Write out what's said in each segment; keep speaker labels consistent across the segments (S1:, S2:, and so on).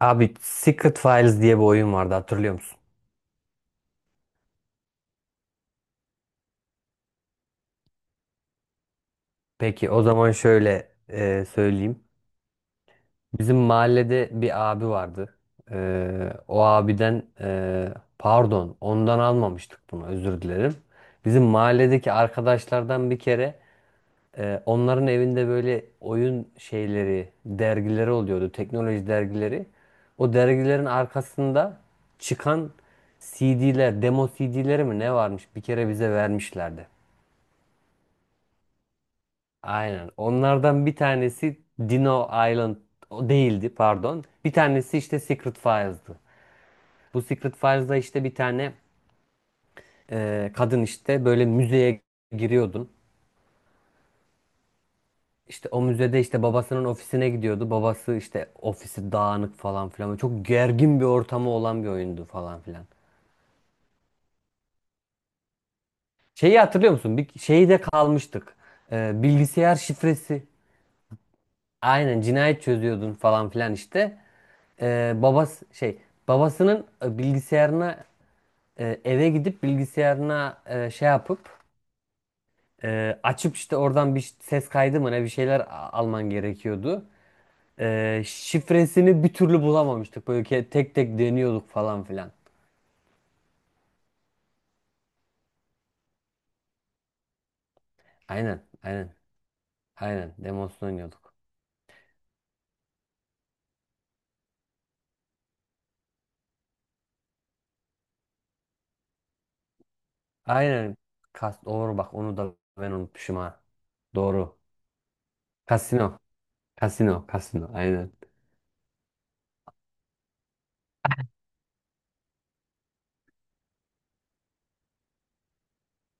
S1: Abi Secret Files diye bir oyun vardı hatırlıyor musun? Peki o zaman şöyle söyleyeyim. Bizim mahallede bir abi vardı. E, O abiden pardon, ondan almamıştık bunu, özür dilerim. Bizim mahalledeki arkadaşlardan bir kere onların evinde böyle oyun şeyleri, dergileri oluyordu. Teknoloji dergileri. O dergilerin arkasında çıkan CD'ler, demo CD'leri mi ne varmış, bir kere bize vermişlerdi. Aynen. Onlardan bir tanesi Dino Island, o değildi, pardon. Bir tanesi işte Secret Files'dı. Bu Secret Files'da işte bir tane kadın işte böyle müzeye giriyordun. İşte o müzede işte babasının ofisine gidiyordu. Babası işte, ofisi dağınık falan filan. Böyle çok gergin bir ortamı olan bir oyundu falan filan. Şeyi hatırlıyor musun? Bir şeyde kalmıştık. Bilgisayar şifresi. Aynen, cinayet çözüyordun falan filan işte. E, babası şey Babasının bilgisayarına, eve gidip bilgisayarına şey yapıp açıp işte oradan bir ses kaydı mı ne bir şeyler alman gerekiyordu. Şifresini bir türlü bulamamıştık. Böyle tek tek deniyorduk falan filan. Aynen, aynen, aynen. Demosunu oynuyorduk. Aynen. Kas, doğru, bak onu da ben unutmuşum ha. Doğru. Kasino, kasino, kasino. Aynen.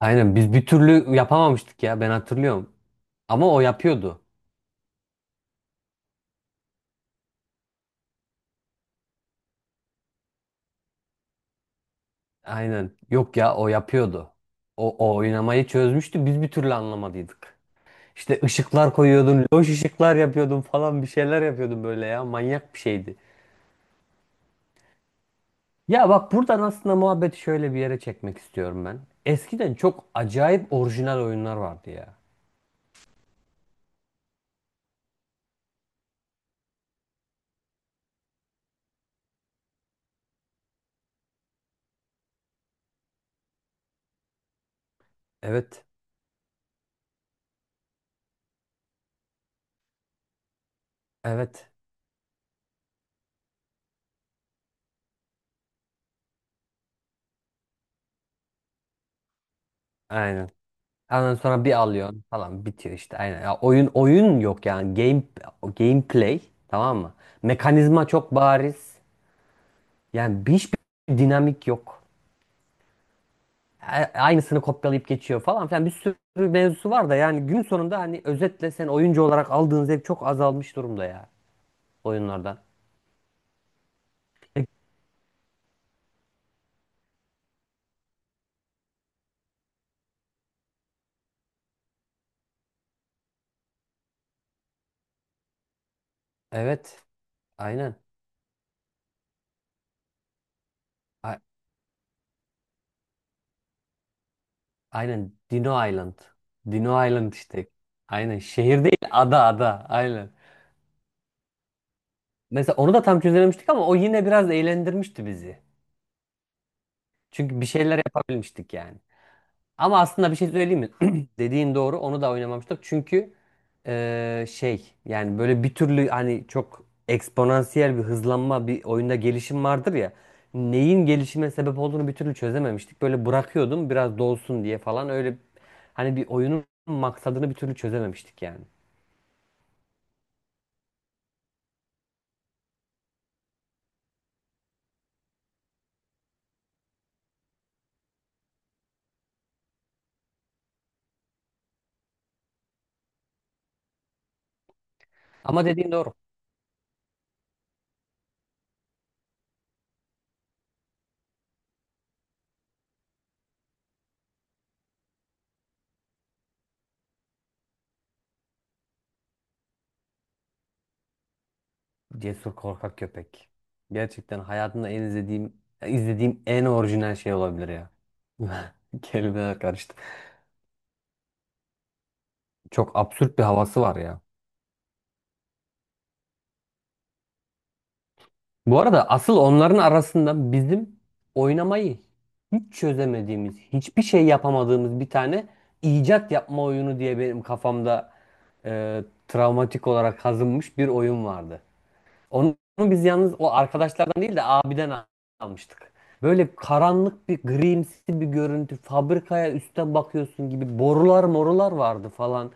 S1: Aynen, biz bir türlü yapamamıştık ya, ben hatırlıyorum. Ama o yapıyordu. Aynen. Yok ya, o yapıyordu. O oynamayı çözmüştü. Biz bir türlü anlamadıydık. İşte ışıklar koyuyordun, loş ışıklar yapıyordun falan, bir şeyler yapıyordun böyle ya. Manyak bir şeydi. Ya bak, buradan aslında muhabbeti şöyle bir yere çekmek istiyorum ben. Eskiden çok acayip orijinal oyunlar vardı ya. Evet. Evet. Aynen. Ondan sonra bir alıyorsun falan, bitiyor işte, aynen. Ya oyun oyun yok, yani game gameplay, tamam mı? Mekanizma çok bariz. Yani hiçbir dinamik yok. a- Aynısını kopyalayıp geçiyor falan filan, bir sürü mevzusu var da, yani gün sonunda hani özetle sen oyuncu olarak aldığın zevk çok azalmış durumda ya, oyunlardan. E, Evet, aynen. A- aynen Dino Island. Dino Island işte. Aynen, şehir değil ada, ada, aynen. Mesela onu da tam çözememiştik ama o yine biraz eğlendirmişti bizi. Çünkü bir şeyler yapabilmiştik yani. Ama aslında bir şey söyleyeyim mi? Dediğin doğru. Onu da oynamamıştık. Çünkü şey, yani böyle bir türlü hani çok eksponansiyel bir hızlanma, bir oyunda gelişim vardır ya. Neyin gelişime sebep olduğunu bir türlü çözememiştik. Böyle bırakıyordum biraz dolsun diye falan, öyle hani bir oyunun maksadını bir türlü çözememiştik yani. Ama dediğin doğru. Cesur korkak köpek. Gerçekten hayatımda en izlediğim en orijinal şey olabilir ya. Kelimeler karıştı. Çok absürt bir havası var ya. Bu arada asıl onların arasında bizim oynamayı hiç çözemediğimiz, hiçbir şey yapamadığımız bir tane icat yapma oyunu diye benim kafamda travmatik olarak kazınmış bir oyun vardı. Onu biz yalnız o arkadaşlardan değil de abiden almıştık. Böyle karanlık bir grimsi bir görüntü, fabrikaya üstten bakıyorsun gibi, borular morular vardı falan.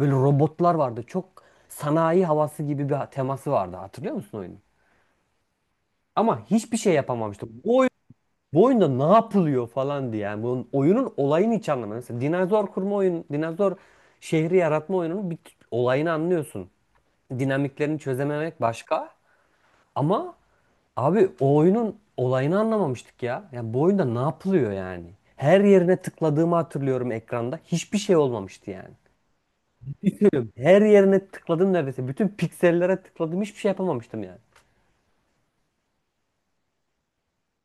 S1: Böyle robotlar vardı. Çok sanayi havası gibi bir teması vardı. Hatırlıyor musun oyunu? Ama hiçbir şey yapamamıştım. Bu oyunda ne yapılıyor falan diye. Yani bunun oyunun olayını hiç anlamadım. Mesela dinozor kurma oyun, dinozor şehri yaratma oyununun bir olayını anlıyorsun. Dinamiklerini çözememek başka. Ama abi o oyunun olayını anlamamıştık ya. Yani bu oyunda ne yapılıyor yani? Her yerine tıkladığımı hatırlıyorum ekranda. Hiçbir şey olmamıştı yani. Hiç söylüyorum. Her yerine tıkladım neredeyse. Bütün piksellere tıkladım. Hiçbir şey yapamamıştım yani.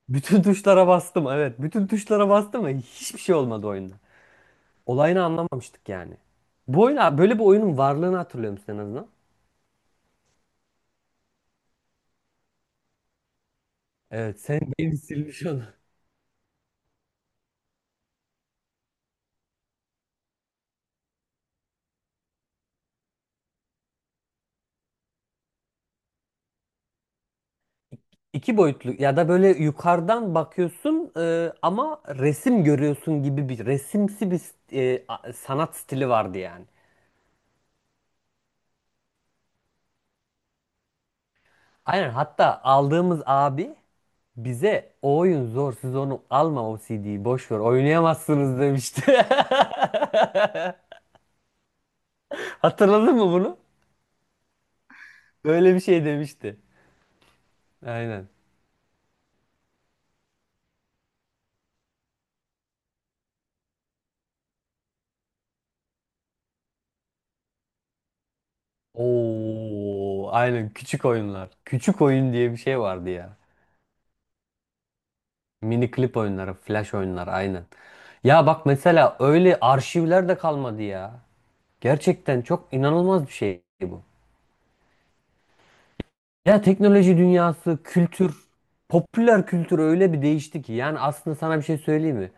S1: Bütün tuşlara bastım, evet. Bütün tuşlara bastım ve hiçbir şey olmadı oyunda. Olayını anlamamıştık yani. Bu oyun, böyle bir oyunun varlığını hatırlıyor musun en azından? Evet, sen beni silmiş onu. İki boyutlu ya da böyle yukarıdan bakıyorsun ama resim görüyorsun gibi, bir resimsi bir sanat stili vardı yani. Aynen, hatta aldığımız abi bize o oyun zor, siz onu alma, o CD'yi boş ver, oynayamazsınız demişti. Hatırladın mı bunu? Öyle bir şey demişti. Aynen. Oo, aynen, küçük oyunlar. Küçük oyun diye bir şey vardı ya. Mini klip oyunları, flash oyunlar, aynen. Ya bak, mesela öyle arşivler de kalmadı ya. Gerçekten çok inanılmaz bir şey bu. Ya teknoloji dünyası, kültür, popüler kültür öyle bir değişti ki. Yani aslında sana bir şey söyleyeyim mi?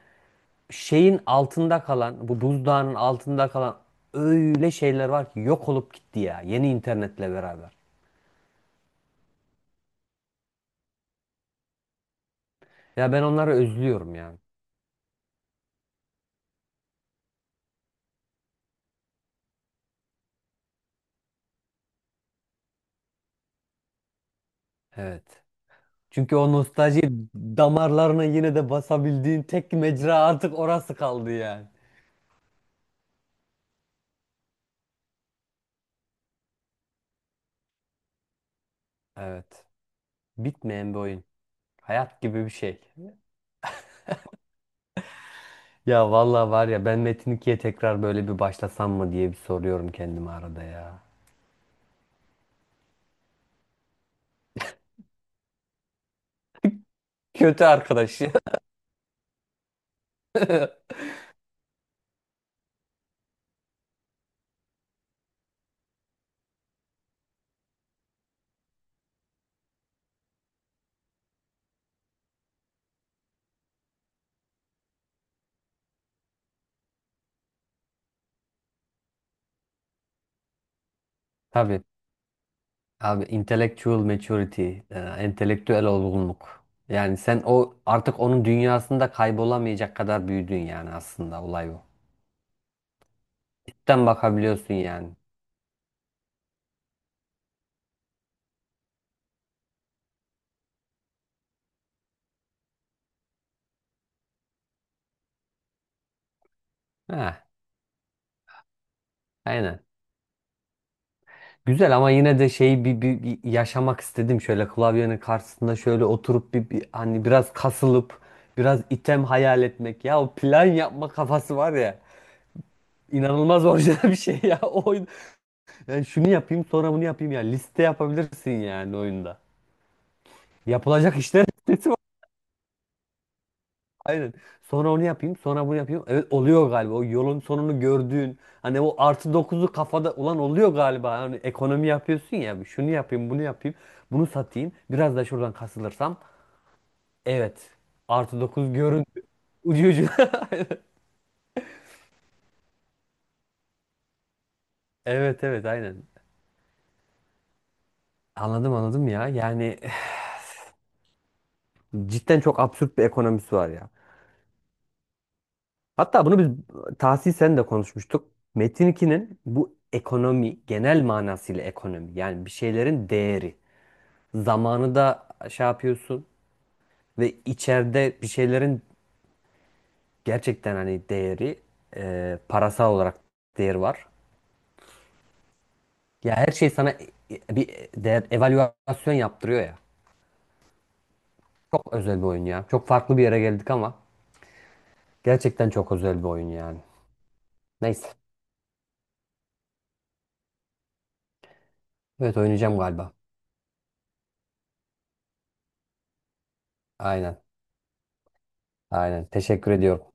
S1: Şeyin altında kalan, bu buzdağının altında kalan öyle şeyler var ki, yok olup gitti ya yeni internetle beraber. Ya ben onları özlüyorum ya. Evet. Çünkü o nostalji damarlarına yine de basabildiğin tek mecra artık orası kaldı yani. Evet. Bitmeyen bir oyun. Hayat gibi bir şey. Ya vallahi var ya, ben Metin 2'ye tekrar böyle bir başlasam mı diye bir soruyorum kendime arada ya. Kötü arkadaş ya. Tabii. Abi intellectual maturity, entelektüel olgunluk. Yani sen o artık onun dünyasında kaybolamayacak kadar büyüdün, yani aslında olay bu. Cidden bakabiliyorsun yani. Heh. Aynen. Güzel, ama yine de şeyi bir yaşamak istedim, şöyle klavyenin karşısında şöyle oturup bir hani biraz kasılıp biraz item hayal etmek ya, o plan yapma kafası var ya, inanılmaz orijinal bir şey ya o oyun, yani şunu yapayım sonra bunu yapayım ya, liste yapabilirsin yani oyunda, yapılacak işler listesi. Aynen. Sonra onu yapayım, sonra bunu yapayım. Evet, oluyor galiba. O yolun sonunu gördüğün hani o artı dokuzu kafada, ulan oluyor galiba. Hani ekonomi yapıyorsun ya. Şunu yapayım, bunu yapayım. Bunu satayım. Biraz da şuradan kasılırsam. Evet. Artı dokuz görün. Ucu ucuna. Evet, evet, aynen. Anladım, anladım ya. Yani cidden çok absürt bir ekonomisi var ya. Hatta bunu biz Tahsin sen de konuşmuştuk. Metin 2'nin bu ekonomi, genel manasıyla ekonomi, yani bir şeylerin değeri. Zamanı da şey yapıyorsun ve içeride bir şeylerin gerçekten hani değeri, parasal olarak değeri var. Ya her şey sana bir değer evaluasyon yaptırıyor ya. Çok özel bir oyun ya. Çok farklı bir yere geldik ama gerçekten çok özel bir oyun yani. Neyse. Evet, oynayacağım galiba. Aynen. Aynen. Teşekkür ediyorum.